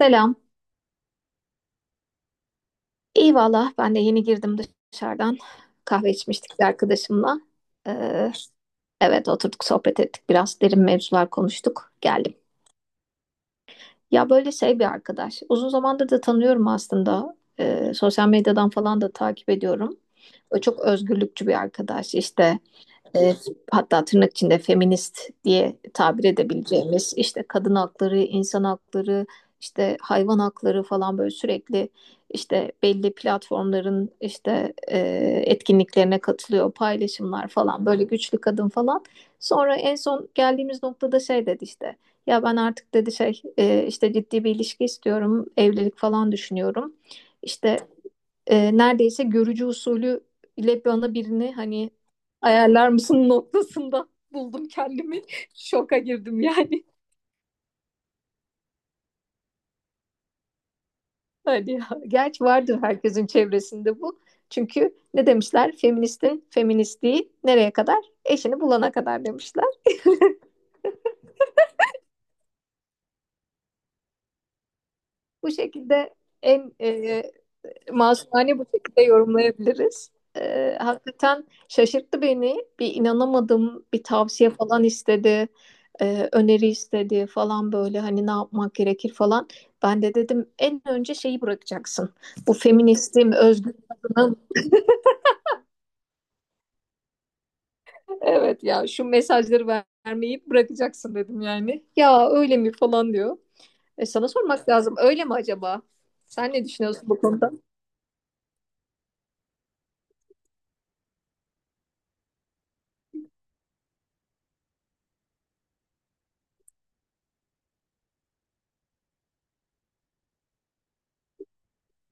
Selam. İyi valla ben de yeni girdim dışarıdan. Kahve içmiştik bir arkadaşımla. Ee, evet oturduk sohbet ettik. Biraz derin mevzular konuştuk. Geldim. Ya böyle şey bir arkadaş. Uzun zamandır da tanıyorum aslında. Sosyal medyadan falan da takip ediyorum. O çok özgürlükçü bir arkadaş. İşte e, hatta tırnak içinde feminist diye tabir edebileceğimiz işte kadın hakları, insan hakları, işte hayvan hakları falan böyle sürekli işte belli platformların işte etkinliklerine katılıyor, paylaşımlar falan böyle güçlü kadın falan. Sonra en son geldiğimiz noktada şey dedi işte ya ben artık dedi şey işte ciddi bir ilişki istiyorum, evlilik falan düşünüyorum. İşte neredeyse görücü usulü ile bana birini hani ayarlar mısın noktasında buldum kendimi. Şoka girdim yani. Hadi ya. Gerçi vardır herkesin çevresinde bu. Çünkü ne demişler? Feministin feministliği nereye kadar? Eşini bulana kadar demişler. Bu şekilde en e, masumane bu şekilde yorumlayabiliriz. Hakikaten şaşırttı beni. Bir inanamadım. Bir tavsiye falan istedi. Öneri istedi falan böyle hani ne yapmak gerekir falan. Ben de dedim en önce şeyi bırakacaksın. Bu feministim, özgür kadınım. Evet ya şu mesajları vermeyi bırakacaksın dedim yani. Ya öyle mi falan diyor. E, sana sormak lazım. Öyle mi acaba? Sen ne düşünüyorsun bu konuda?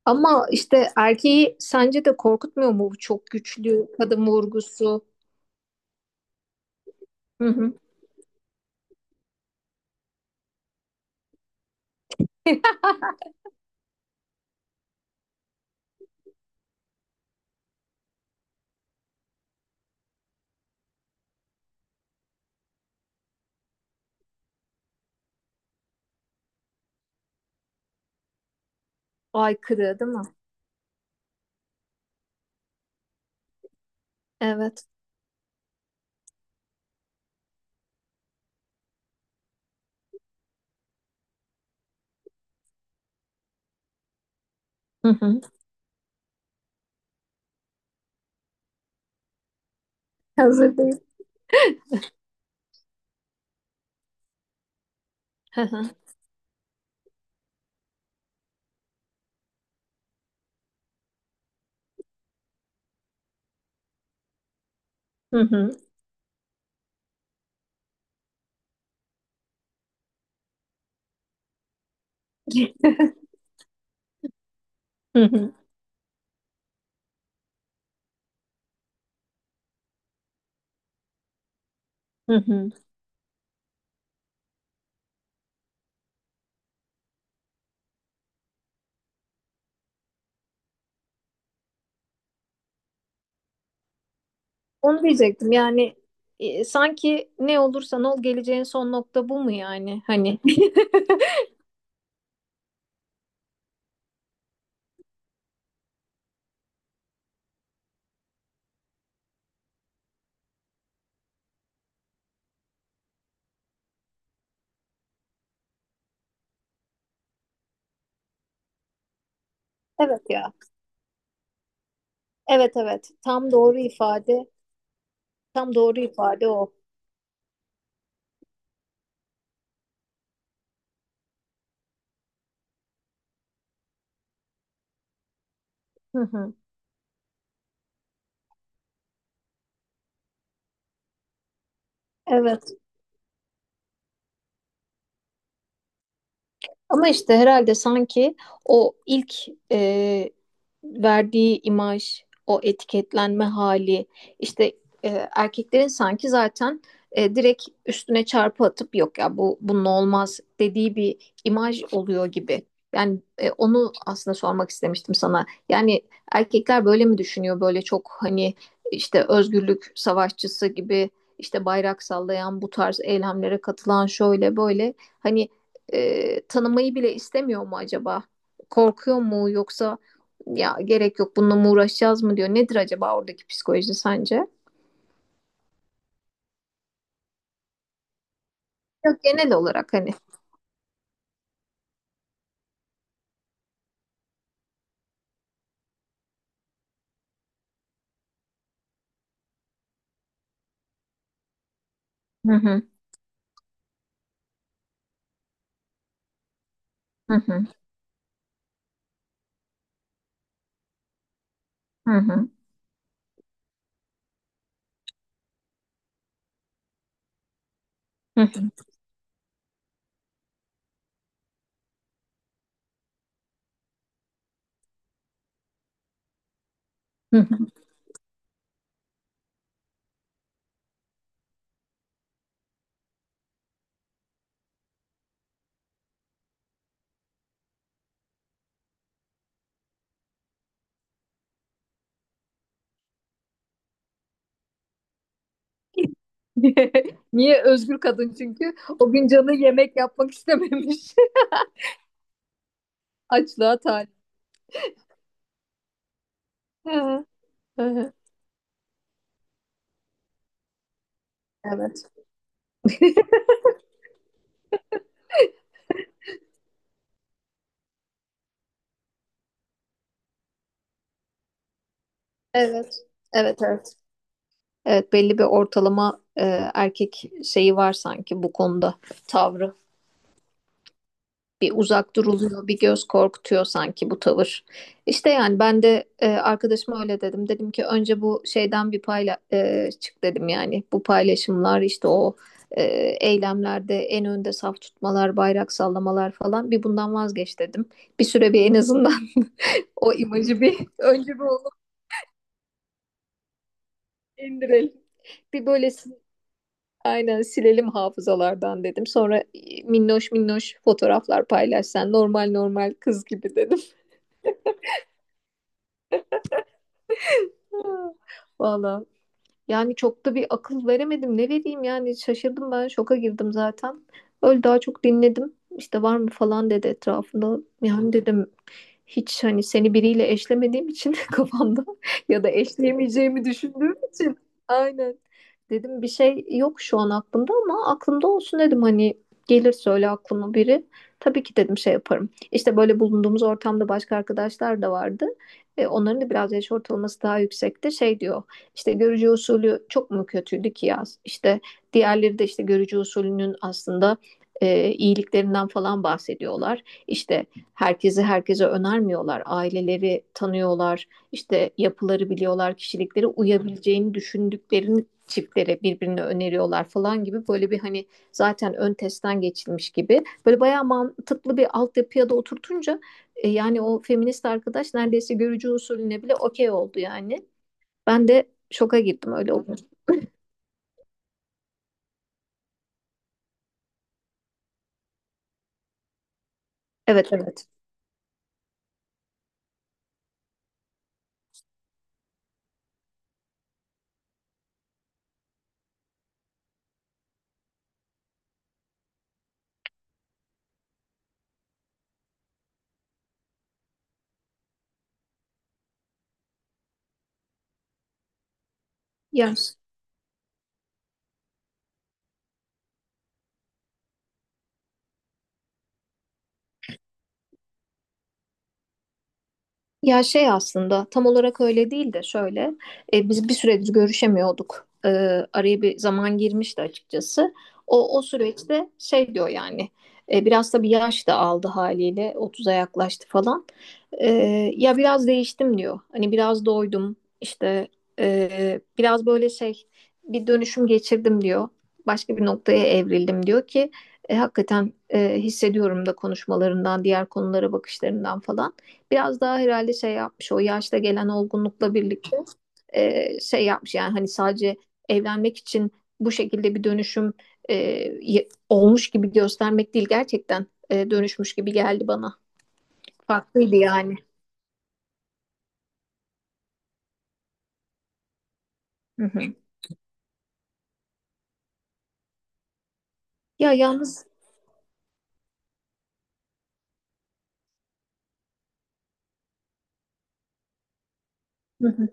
Ama işte erkeği sence de korkutmuyor mu bu çok güçlü kadın vurgusu? Hı hı. Aykırı değil mi? Evet. Hı hı. Hazır değil. Hı hı. Hı hı. Hı hı. Hı hı. Onu diyecektim yani, sanki ne olursan ol geleceğin son nokta bu mu yani hani? Evet ya. Evet, evet. Tam doğru ifade. Tam doğru ifade o. Hı hı. Evet. Ama işte herhalde sanki o ilk e, verdiği imaj, o etiketlenme hali, işte erkeklerin sanki zaten direkt üstüne çarpı atıp yok ya bu bunun olmaz dediği bir imaj oluyor gibi. Yani onu aslında sormak istemiştim sana. Yani erkekler böyle mi düşünüyor? Böyle çok hani işte özgürlük savaşçısı gibi işte bayrak sallayan bu tarz eylemlere katılan şöyle böyle hani, tanımayı bile istemiyor mu acaba? Korkuyor mu yoksa ya gerek yok bununla mı uğraşacağız mı diyor. Nedir acaba oradaki psikoloji sence? Yok genel olarak hani. Hı hı, hı hı, hı hı, hı hı, hı hı. Niye özgür kadın çünkü o gün canı yemek yapmak istememiş. Açlığa talip. Hı hı, hı hı. Evet. Evet. Evet, evet. Evet, belli bir ortalama erkek şeyi var sanki bu konuda tavrı. Bir uzak duruluyor, bir göz korkutuyor sanki bu tavır. İşte yani ben de, arkadaşıma öyle dedim. Dedim ki önce bu şeyden bir çık dedim yani. Bu paylaşımlar işte o, e, eylemlerde en önde saf tutmalar, bayrak sallamalar falan bir bundan vazgeç dedim. Bir süre bir en azından o imajı bir önce bir onu indirelim. Bir böyle aynen silelim hafızalardan dedim. Sonra minnoş minnoş fotoğraflar paylaşsan normal normal kız gibi dedim. Valla. Yani çok da bir akıl veremedim. Ne vereyim yani şaşırdım ben şoka girdim zaten. Öyle daha çok dinledim. İşte var mı falan dedi etrafında. Yani dedim hiç hani seni biriyle eşlemediğim için kafamda ya da eşleyemeyeceğimi düşündüğüm için. Aynen. Dedim bir şey yok şu an aklımda ama aklımda olsun dedim hani gelir söyle aklıma biri. Tabii ki dedim şey yaparım. İşte böyle bulunduğumuz ortamda başka arkadaşlar da vardı. Onların da biraz yaş ortalaması daha yüksekti. Şey diyor. İşte görücü usulü çok mu kötüydü ki ya? İşte diğerleri de işte görücü usulünün aslında, iyiliklerinden falan bahsediyorlar. İşte herkesi herkese önermiyorlar. Aileleri tanıyorlar. İşte yapıları biliyorlar. Kişilikleri uyabileceğini düşündüklerini çiftlere birbirine öneriyorlar falan gibi böyle bir hani zaten ön testten geçilmiş gibi böyle bayağı mantıklı bir altyapıya da oturtunca, yani o feminist arkadaş neredeyse görücü usulüne bile okey oldu yani. Ben de şoka girdim öyle oldu. Evet, evet. Yani ya şey aslında tam olarak öyle değil de şöyle, biz bir süredir görüşemiyorduk. Araya bir zaman girmişti açıkçası. O o süreçte şey diyor yani, biraz da bir yaş da aldı haliyle 30'a yaklaştı falan. E, Ya biraz değiştim diyor. Hani biraz doydum işte, biraz böyle şey bir dönüşüm geçirdim diyor. Başka bir noktaya evrildim diyor ki, hakikaten, hissediyorum da konuşmalarından diğer konulara bakışlarından falan biraz daha herhalde şey yapmış o yaşta gelen olgunlukla birlikte, şey yapmış yani hani sadece evlenmek için bu şekilde bir dönüşüm, e, olmuş gibi göstermek değil gerçekten, dönüşmüş gibi geldi bana. Farklıydı yani. Hı hı. Ya yalnız. Hı hı.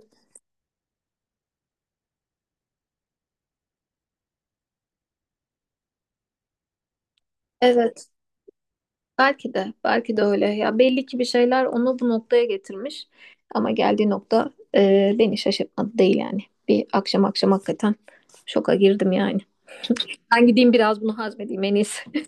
Evet, belki de belki de öyle ya belli ki bir şeyler onu bu noktaya getirmiş ama geldiği nokta, beni şaşırtmadı değil yani. Bir akşam akşam hakikaten şoka girdim yani. Ben gideyim biraz bunu hazmedeyim en iyisi.